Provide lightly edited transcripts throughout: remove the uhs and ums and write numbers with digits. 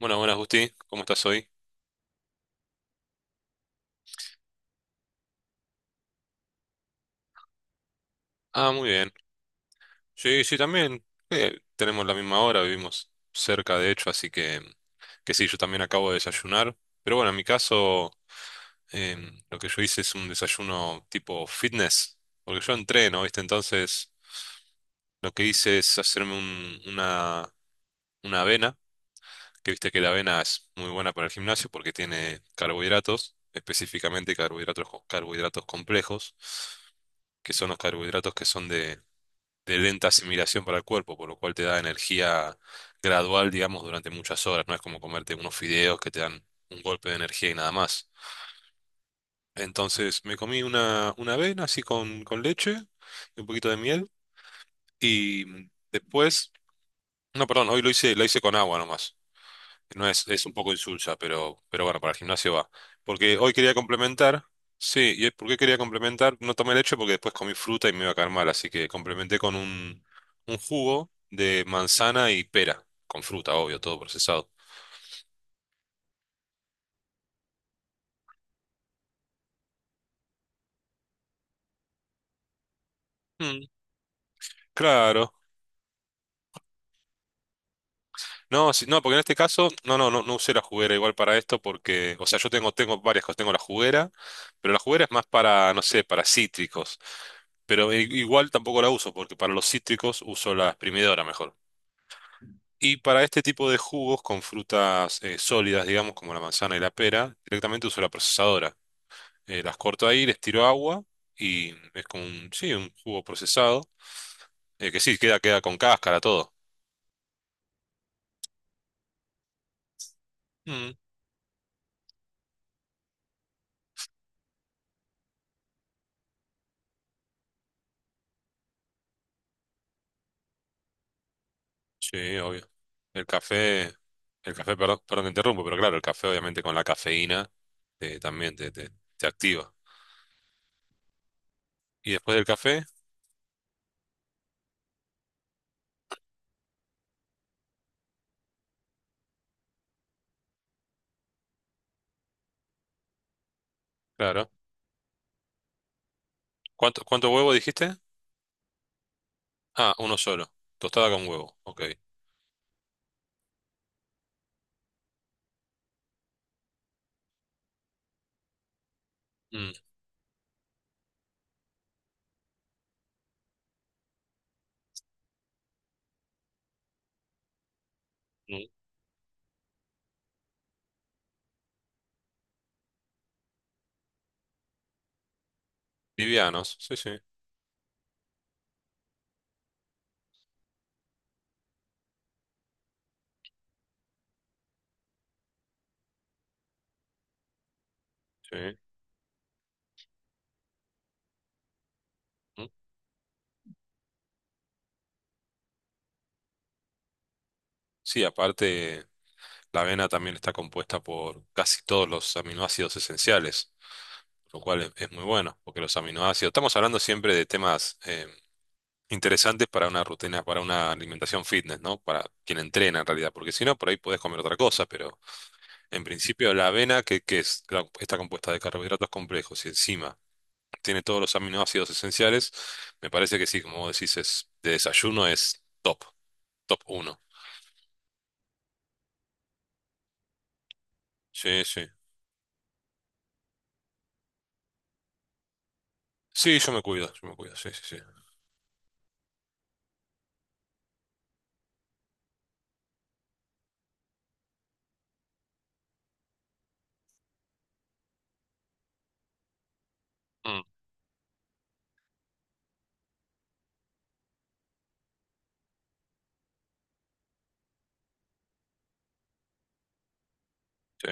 Buenas, buenas, Gusti. ¿Cómo estás hoy? Ah, muy bien. Sí, sí, también. Tenemos la misma hora, vivimos cerca, de hecho, así que sí, yo también acabo de desayunar. Pero bueno, en mi caso, lo que yo hice es un desayuno tipo fitness, porque yo entreno, ¿viste? Entonces, lo que hice es hacerme una avena, que viste que la avena es muy buena para el gimnasio porque tiene carbohidratos, específicamente carbohidratos, carbohidratos complejos, que son los carbohidratos que son de lenta asimilación para el cuerpo, por lo cual te da energía gradual, digamos, durante muchas horas. No es como comerte unos fideos que te dan un golpe de energía y nada más. Entonces me comí una avena así con leche y un poquito de miel y después, no, perdón, hoy lo hice con agua nomás. No es un poco insulsa, pero bueno, para el gimnasio va. Porque hoy quería complementar, sí, ¿y por qué quería complementar? No tomé leche porque después comí fruta y me iba a caer mal, así que complementé con un jugo de manzana y pera, con fruta, obvio, todo procesado. Mm, claro. No, sí, no, porque en este caso, no usé la juguera igual para esto porque, o sea, yo tengo varias cosas, tengo la juguera, pero la juguera es más para, no sé, para cítricos. Pero igual tampoco la uso, porque para los cítricos uso la exprimidora mejor. Y para este tipo de jugos con frutas sólidas, digamos, como la manzana y la pera, directamente uso la procesadora. Las corto ahí, les tiro agua y es como un, sí, un jugo procesado. Que sí, queda con cáscara, todo. Mm, sí, obvio. El café, el café, perdón, perdón, te interrumpo, pero claro, el café obviamente con la cafeína también te activa. Y después del café, claro. ¿Cuánto huevo dijiste? Ah, uno solo. Tostada con huevo, ok. Mm, mm. Livianos, sí, sí, sí. Mm. Sí, aparte, la avena también está compuesta por casi todos los aminoácidos esenciales, lo cual es muy bueno, porque los aminoácidos, estamos hablando siempre de temas interesantes para una rutina, para una alimentación fitness, ¿no? Para quien entrena en realidad, porque si no, por ahí puedes comer otra cosa, pero en principio la avena, que es, claro, está compuesta de carbohidratos complejos y encima tiene todos los aminoácidos esenciales, me parece que sí, como vos decís, de desayuno es top, top uno. Sí, sí. Sí, yo me cuido, sí, sí, sí. Sí,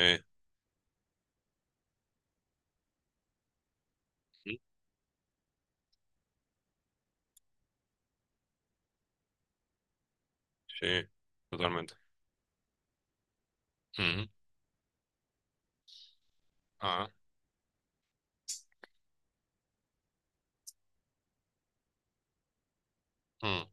sí, totalmente. Ujú, ah, mm.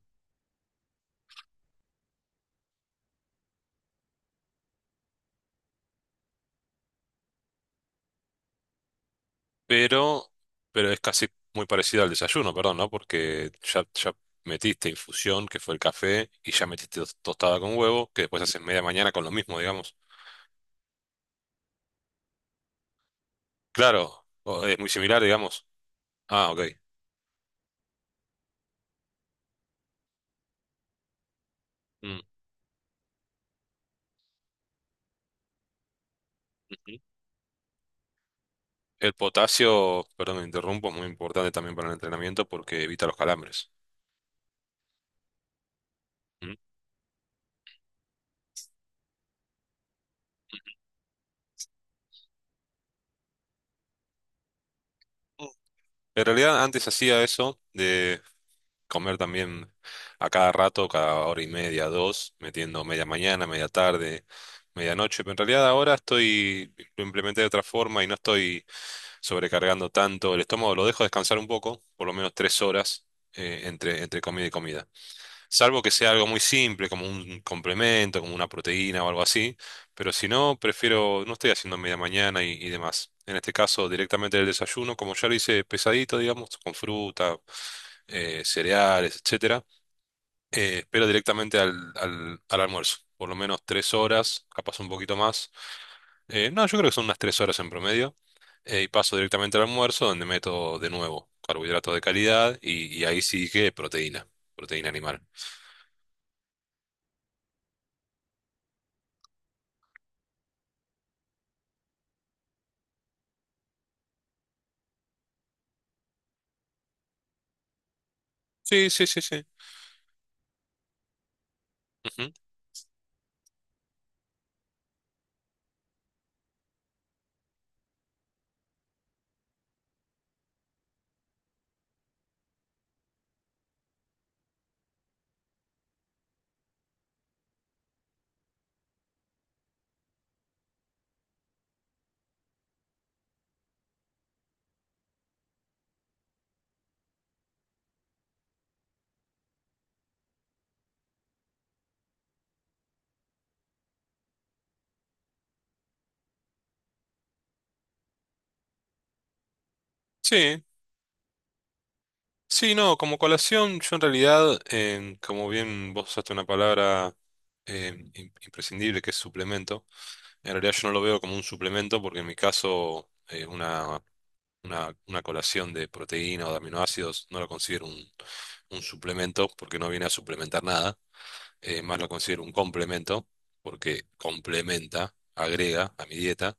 Pero, pero es casi muy parecido al desayuno, perdón, ¿no? Porque ya metiste infusión, que fue el café, y ya metiste tostada con huevo, que después haces media mañana con lo mismo, digamos. Claro, es muy similar, digamos. Ah, ok. Mm, ujú. El potasio, perdón, me interrumpo, es muy importante también para el entrenamiento porque evita los calambres. Mm. En realidad antes hacía eso de comer también a cada rato, cada hora y media, dos, metiendo media mañana, media tarde, medianoche. Pero en realidad ahora lo implementé de otra forma y no estoy sobrecargando tanto el estómago. Lo dejo descansar un poco, por lo menos 3 horas, entre comida y comida. Salvo que sea algo muy simple, como un complemento, como una proteína o algo así. Pero si no, prefiero, no estoy haciendo media mañana y demás. En este caso, directamente el desayuno, como ya lo hice pesadito, digamos, con fruta, cereales, etcétera. Espero directamente al almuerzo. Por lo menos 3 horas, capaz un poquito más. No, yo creo que son unas 3 horas en promedio. Y paso directamente al almuerzo, donde meto de nuevo carbohidratos de calidad y ahí sí que proteína animal. Sí, sí, sí, sí. Ujú. Sí, sí, no, como colación, yo en realidad, como bien vos usaste una palabra imprescindible que es suplemento, en realidad yo no lo veo como un suplemento porque en mi caso una colación de proteína o de aminoácidos no lo considero un suplemento porque no viene a suplementar nada, más lo considero un complemento porque complementa, agrega a mi dieta.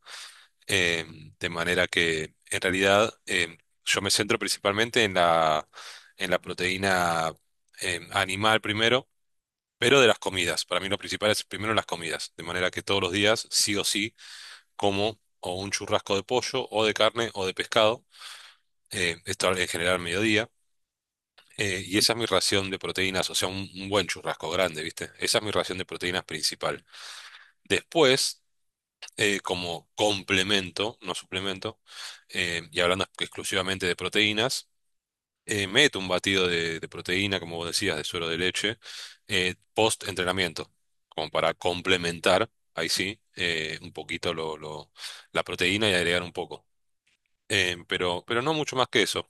eh, de manera que en realidad yo me centro principalmente en la proteína animal primero, pero de las comidas. Para mí lo principal es primero las comidas, de manera que todos los días sí o sí como o un churrasco de pollo o de carne o de pescado, esto en general al mediodía. Y esa es mi ración de proteínas, o sea, un buen churrasco grande, ¿viste? Esa es mi ración de proteínas principal. Después como complemento, no suplemento, y hablando exclusivamente de proteínas, meto un batido de proteína, como vos decías, de suero de leche, post entrenamiento, como para complementar, ahí sí, un poquito la proteína y agregar un poco. Pero no mucho más que eso,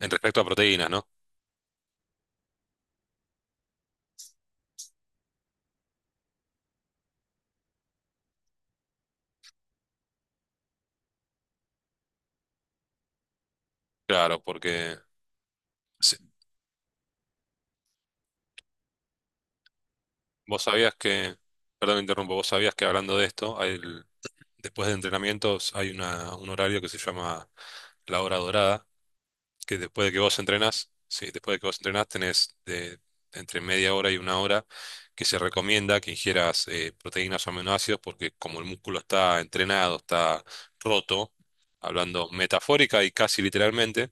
en respecto a proteínas, ¿no? Claro, porque se- vos sabías que, perdón, me interrumpo, vos sabías que hablando de esto, hay Después de entrenamientos hay un horario que se llama la hora dorada, que después de que vos entrenás, sí, después de que vos entrenás entre media hora y una hora que se recomienda que ingieras proteínas o aminoácidos porque como el músculo está entrenado, está roto, hablando metafórica y casi literalmente,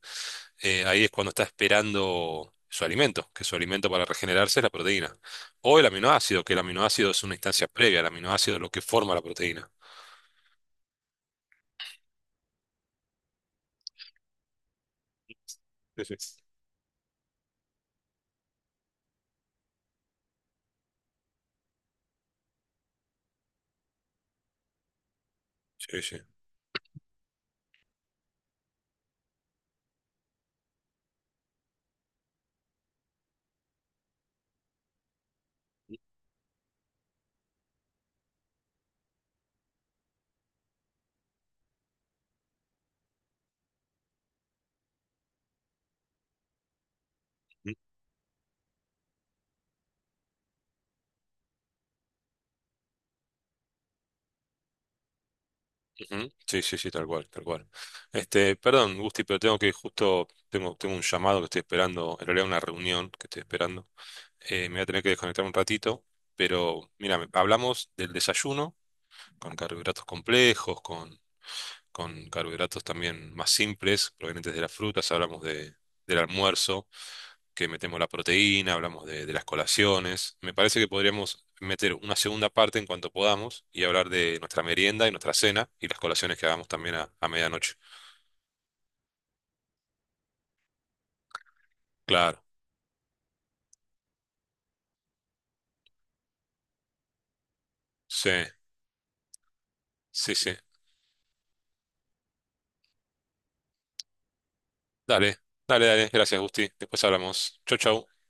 ahí es cuando está esperando su alimento, que su alimento para regenerarse es la proteína. O el aminoácido, que el aminoácido es una instancia previa, el aminoácido es lo que forma la proteína. Sí, sí. Sí, sí. Ujú. Sí, sí, sí, tal cual, tal cual. Este, perdón, Gusti, pero tengo un llamado que estoy esperando, en realidad una reunión que estoy esperando. Me voy a tener que desconectar un ratito, pero mira, hablamos del desayuno con carbohidratos complejos, con carbohidratos también más simples, provenientes de las frutas, hablamos del almuerzo. Que metemos la proteína, hablamos de las colaciones. Me parece que podríamos meter una segunda parte en cuanto podamos y hablar de nuestra merienda y nuestra cena y las colaciones que hagamos también a medianoche. Claro, sí, sí, sí. Dale, dale, dale. Gracias, Gusti. Después hablamos. Chau, chau.